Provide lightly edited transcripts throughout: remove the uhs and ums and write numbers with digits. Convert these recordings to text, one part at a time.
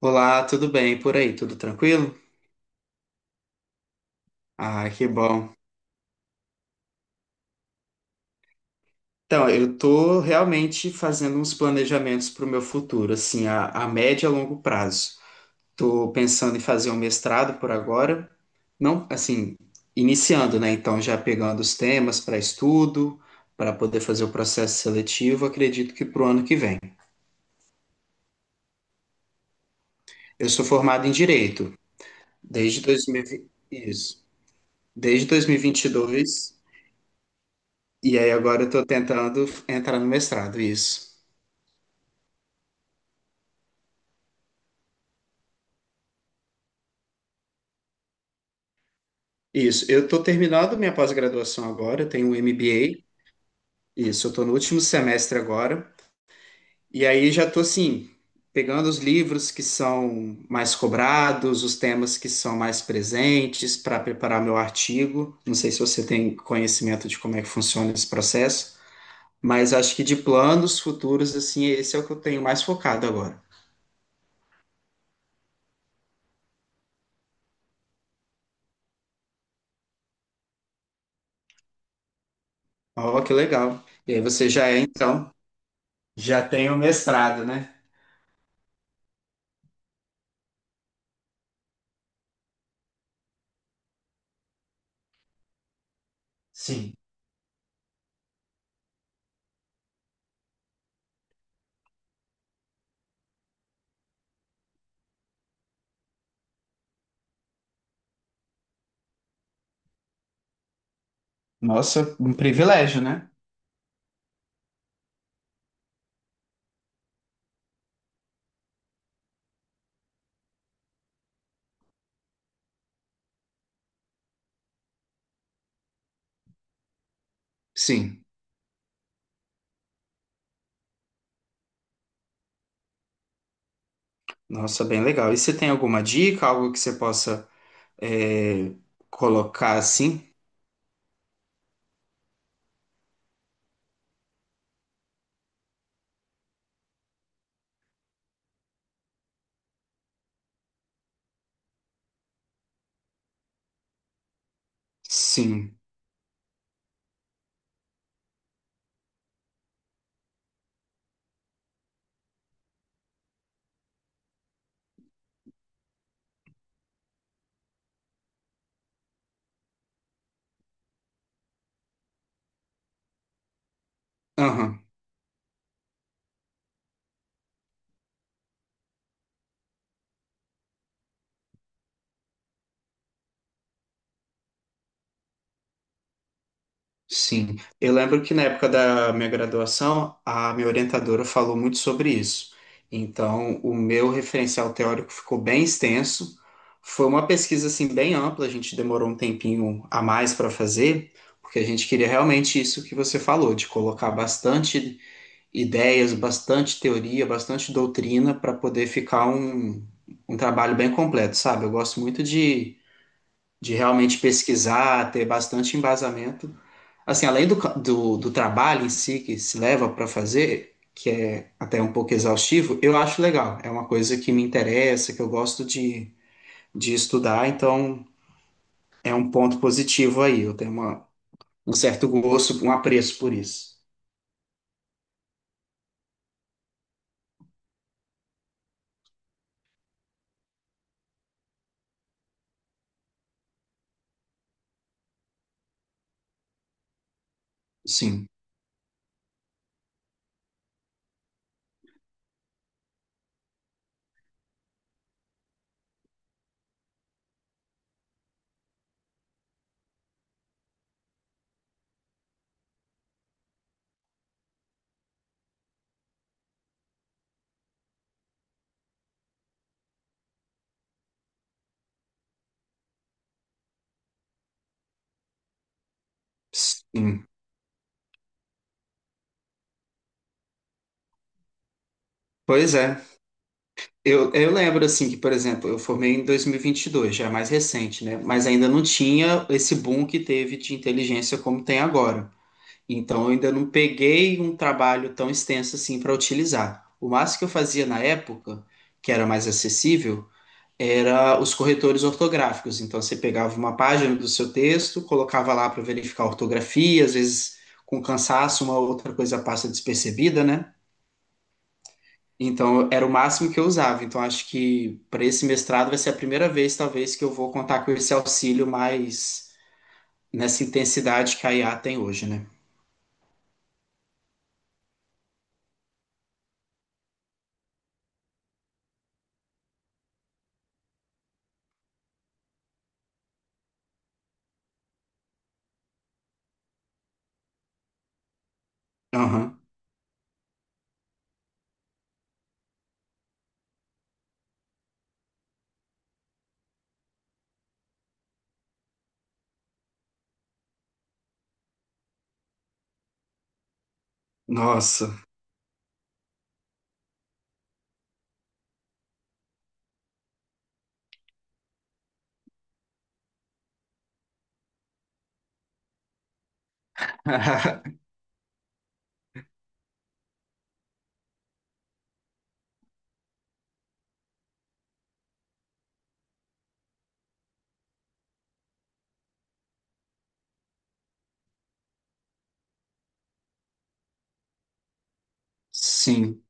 Olá, tudo bem por aí? Tudo tranquilo? Ah, que bom. Então, eu tô realmente fazendo uns planejamentos para o meu futuro, assim, a médio e a longo prazo. Tô pensando em fazer um mestrado por agora, não, assim, iniciando, né? Então, já pegando os temas para estudo, para poder fazer o processo seletivo, acredito que para o ano que vem. Eu sou formado em Direito desde 2020, isso, desde 2022, e vinte e dois, e aí agora eu tô tentando entrar no mestrado, isso. Isso, eu estou terminando minha pós-graduação agora, eu tenho um MBA, isso, eu estou no último semestre agora, e aí já estou assim, pegando os livros que são mais cobrados, os temas que são mais presentes para preparar meu artigo. Não sei se você tem conhecimento de como é que funciona esse processo, mas acho que de planos futuros, assim, esse é o que eu tenho mais focado agora. Ó, que legal. E aí você já é, então, já tem o mestrado, né? Sim. Nossa, um privilégio, né? Sim. Nossa, bem legal. E você tem alguma dica, algo que você possa é, colocar assim? Sim. Aham, sim. Eu lembro que na época da minha graduação, a minha orientadora falou muito sobre isso. Então, o meu referencial teórico ficou bem extenso. Foi uma pesquisa assim bem ampla, a gente demorou um tempinho a mais para fazer, porque a gente queria realmente isso que você falou, de colocar bastante ideias, bastante teoria, bastante doutrina para poder ficar um trabalho bem completo, sabe? Eu gosto muito de realmente pesquisar, ter bastante embasamento. Assim, além do, do, do trabalho em si que se leva para fazer, que é até um pouco exaustivo, eu acho legal. É uma coisa que me interessa, que eu gosto de estudar, então é um ponto positivo aí. Eu tenho um certo gosto, um apreço por isso. Sim, sim. Pois é. Eu lembro, assim, que, por exemplo, eu formei em 2022, já é mais recente, né? Mas ainda não tinha esse boom que teve de inteligência como tem agora. Então, eu ainda não peguei um trabalho tão extenso assim para utilizar. O máximo que eu fazia na época, que era mais acessível, era os corretores ortográficos. Então, você pegava uma página do seu texto, colocava lá para verificar a ortografia, às vezes, com cansaço, uma outra coisa passa despercebida, né? Então, era o máximo que eu usava. Então, acho que para esse mestrado vai ser a primeira vez, talvez, que eu vou contar com esse auxílio mais nessa intensidade que a IA tem hoje, né? Aham. Nossa. Sim.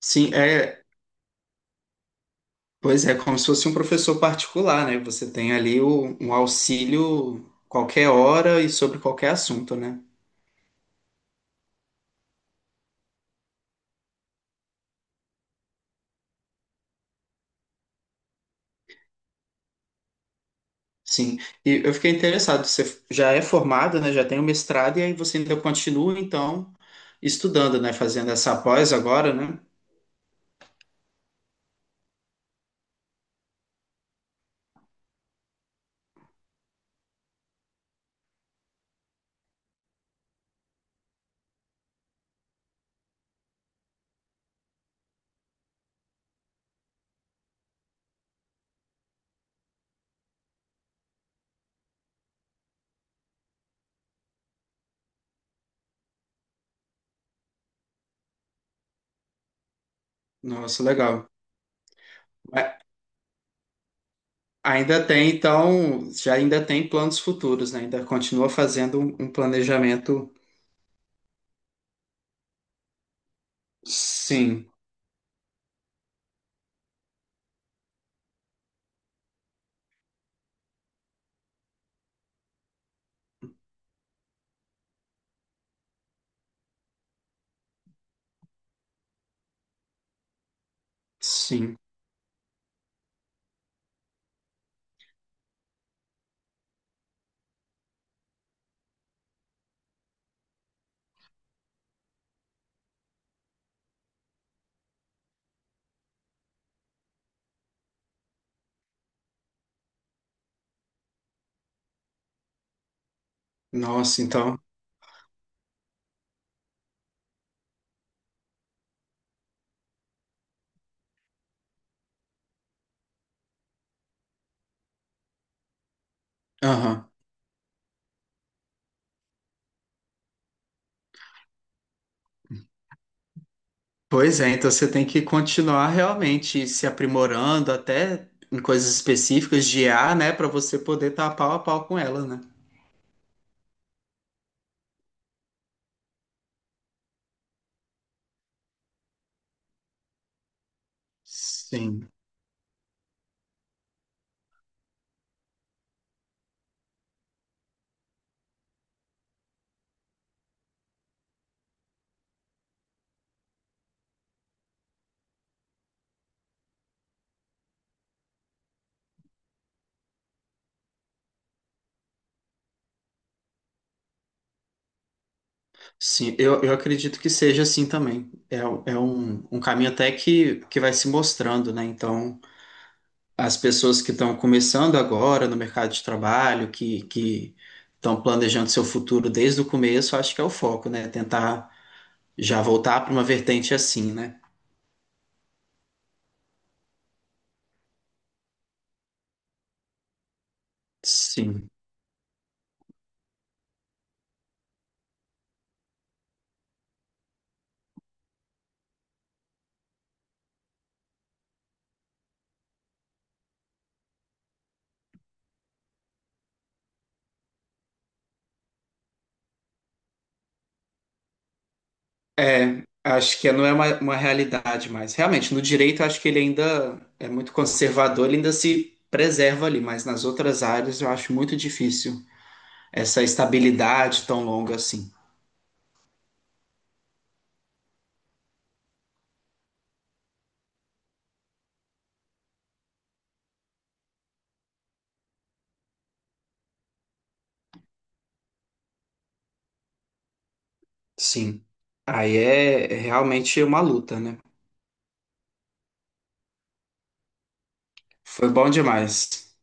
Sim, é. Pois é, como se fosse um professor particular, né? Você tem ali um auxílio qualquer hora e sobre qualquer assunto, né? Sim. E eu fiquei interessado, você já é formada, né? Já tem o mestrado e aí você ainda continua, então, estudando, né? Fazendo essa pós agora, né? Nossa, legal. A- Ainda tem, então, já ainda tem planos futuros, né? Ainda continua fazendo um planejamento. Sim, sim. Nossa, então. Aham. Pois é, então você tem que continuar realmente se aprimorando até em coisas específicas de IA, né? Para você poder estar pau a pau com ela, né? Sim, sim, eu acredito que seja assim também. É, é um, um caminho até que vai se mostrando, né? Então, as pessoas que estão começando agora no mercado de trabalho, que estão planejando seu futuro desde o começo, acho que é o foco, né? Tentar já voltar para uma vertente assim, né? Sim. É, acho que não é uma realidade mais. Realmente, no direito, eu acho que ele ainda é muito conservador, ele ainda se preserva ali, mas nas outras áreas eu acho muito difícil essa estabilidade tão longa assim. Sim. Aí é realmente uma luta, né? Foi bom demais.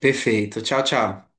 Perfeito. Tchau, tchau.